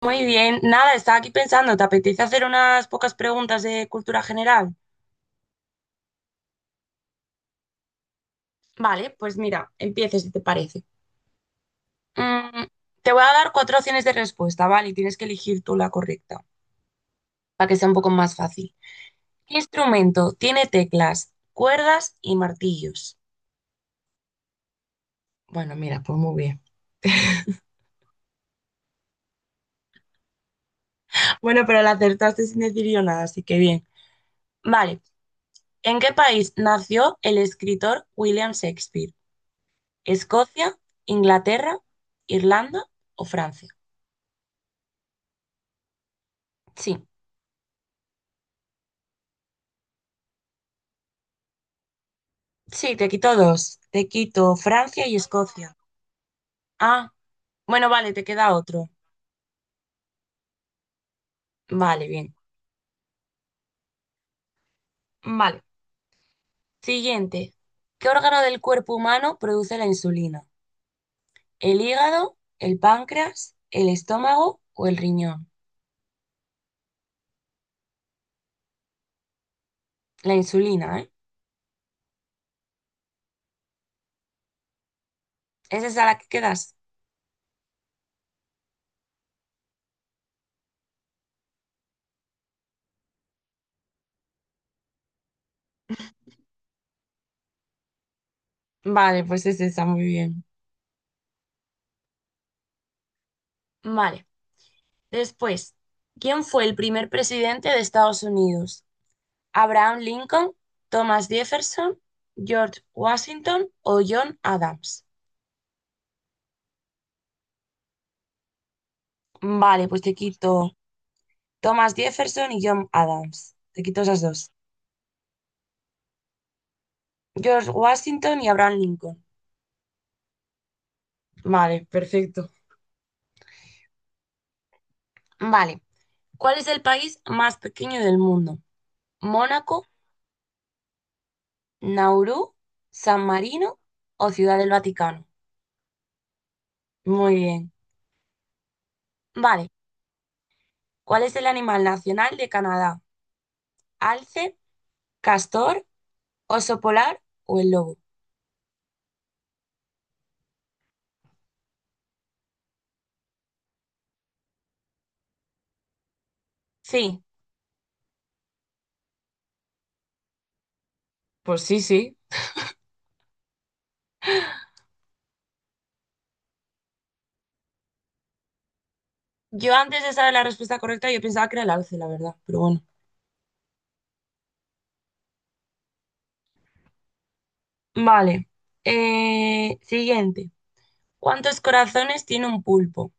Muy bien, nada, estaba aquí pensando, ¿te apetece hacer unas pocas preguntas de cultura general? Vale, pues mira, empieces si te parece. Mm, Te voy a dar cuatro opciones de respuesta, ¿vale? Y tienes que elegir tú la correcta, para que sea un poco más fácil. ¿Qué instrumento tiene teclas, cuerdas y martillos? Bueno, mira, pues muy bien. Bueno, pero la acertaste sin decir yo nada, así que bien. Vale, ¿en qué país nació el escritor William Shakespeare? ¿Escocia, Inglaterra, Irlanda o Francia? Sí. Sí, te quito dos. Te quito Francia y Escocia. Ah, bueno, vale, te queda otro. Vale, bien. Vale. Siguiente. ¿Qué órgano del cuerpo humano produce la insulina? ¿El hígado, el páncreas, el estómago o el riñón? La insulina, ¿eh? ¿Es esa la que quedas? Vale, pues es esa, muy bien. Vale. Después, ¿quién fue el primer presidente de Estados Unidos? ¿Abraham Lincoln, Thomas Jefferson, George Washington o John Adams? Vale, pues te quito Thomas Jefferson y John Adams. Te quito esas dos. George Washington y Abraham Lincoln. Vale, perfecto. Vale. ¿Cuál es el país más pequeño del mundo? ¿Mónaco, Nauru, San Marino o Ciudad del Vaticano? Muy bien. Vale. ¿Cuál es el animal nacional de Canadá? ¿Alce, castor, oso polar o el lobo? Sí. Pues sí, sí. Yo antes de saber la respuesta correcta, yo pensaba que era el alce, la verdad, pero bueno. Vale. Siguiente. ¿Cuántos corazones tiene un pulpo?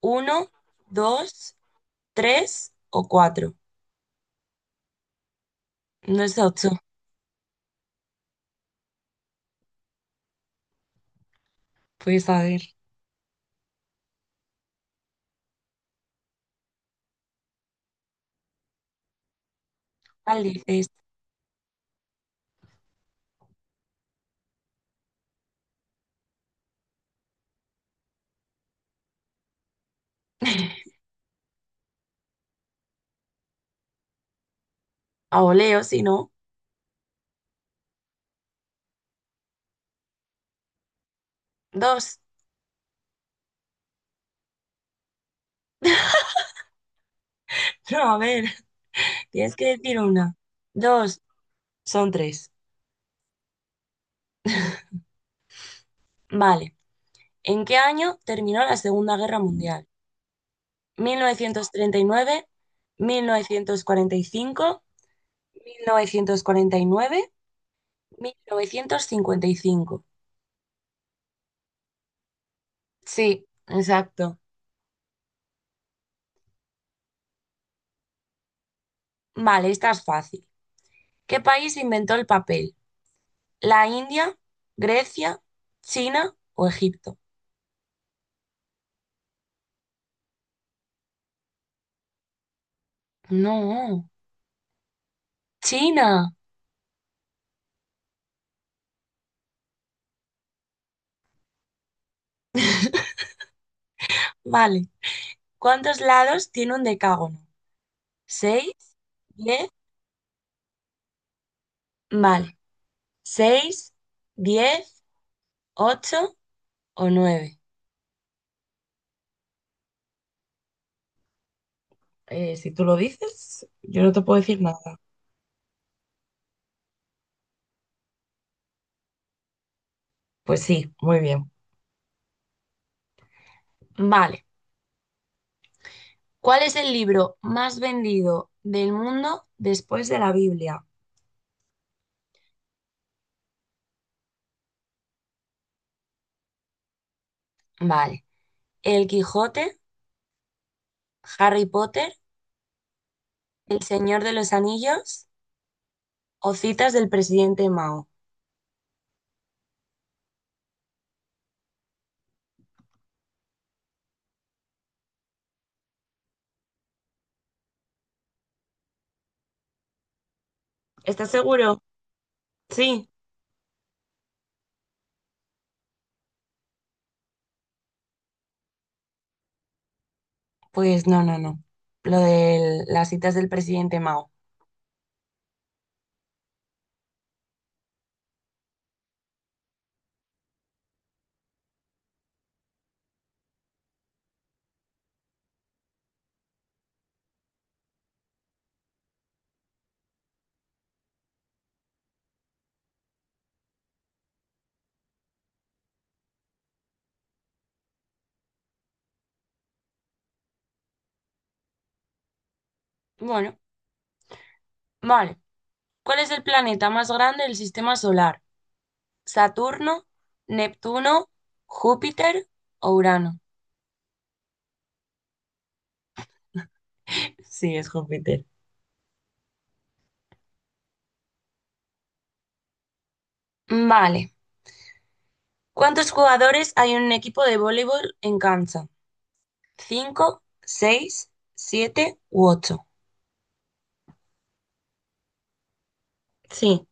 ¿Uno, dos, tres o cuatro? No es ocho. Pues a ver. ¿Cuál dices? A voleo, si no. Dos. No, a ver. Tienes que decir una. Dos. Son tres. Vale. ¿En qué año terminó la Segunda Guerra Mundial? Mil novecientos novecientos treinta y nueve, cuarenta y cinco, 1949, 1955. Sí, exacto. Vale, esta es fácil. ¿Qué país inventó el papel? ¿La India, Grecia, China o Egipto? No, China. Vale. ¿Cuántos lados tiene un decágono? ¿Seis? ¿Diez? Vale. ¿Seis, diez, ocho o nueve? Si tú lo dices, yo no te puedo decir nada. Pues sí, muy bien. Vale. ¿Cuál es el libro más vendido del mundo después de la Biblia? Vale. El Quijote, Harry Potter, El Señor de los Anillos o Citas del presidente Mao. ¿Estás seguro? Sí. Pues no, no, no. Lo de las citas del presidente Mao. Bueno, vale. ¿Cuál es el planeta más grande del sistema solar? ¿Saturno, Neptuno, Júpiter o Urano? Sí, es Júpiter. Vale. ¿Cuántos jugadores hay en un equipo de voleibol en cancha? ¿Cinco, seis, siete u ocho? Sí.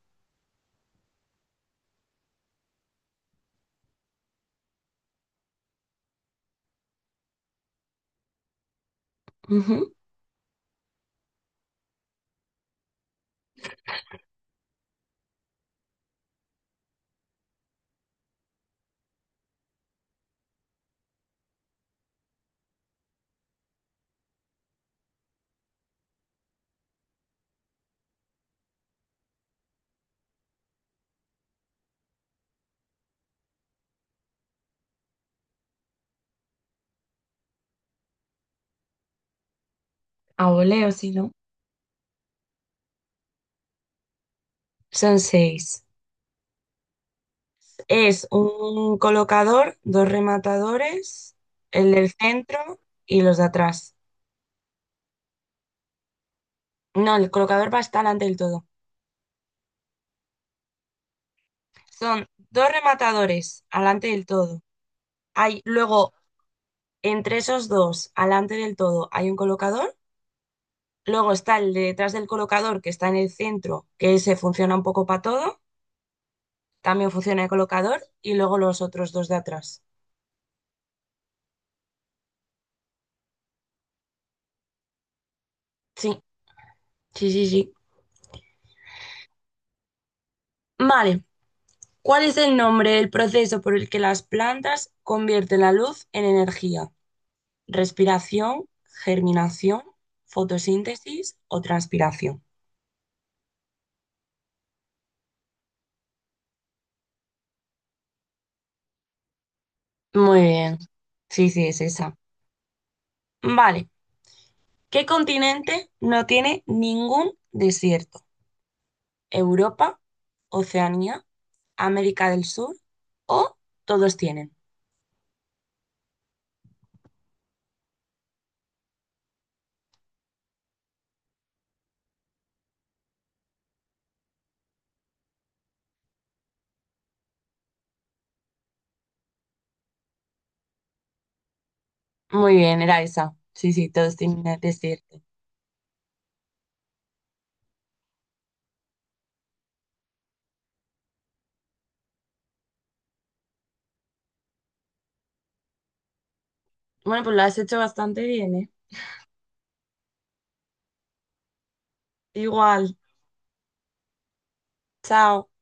Ujú. A voleo, si no. Son seis. Es un colocador, dos rematadores, el del centro y los de atrás. No, el colocador va hasta delante del todo. Son dos rematadores alante del todo. Hay luego, entre esos dos, alante del todo, hay un colocador. Luego está el de detrás del colocador, que está en el centro, que se funciona un poco para todo. También funciona el colocador. Y luego los otros dos de atrás. Sí, sí, sí, sí. Vale. ¿Cuál es el nombre del proceso por el que las plantas convierten la luz en energía? ¿Respiración, germinación, fotosíntesis o transpiración? Muy bien. Sí, sí, es esa. Vale. ¿Qué continente no tiene ningún desierto? ¿Europa, Oceanía, América del Sur o todos tienen? Muy bien, era esa. Sí, sí, todos tienen desierto. Bueno, pues lo has hecho bastante bien, ¿eh? Igual. Chao.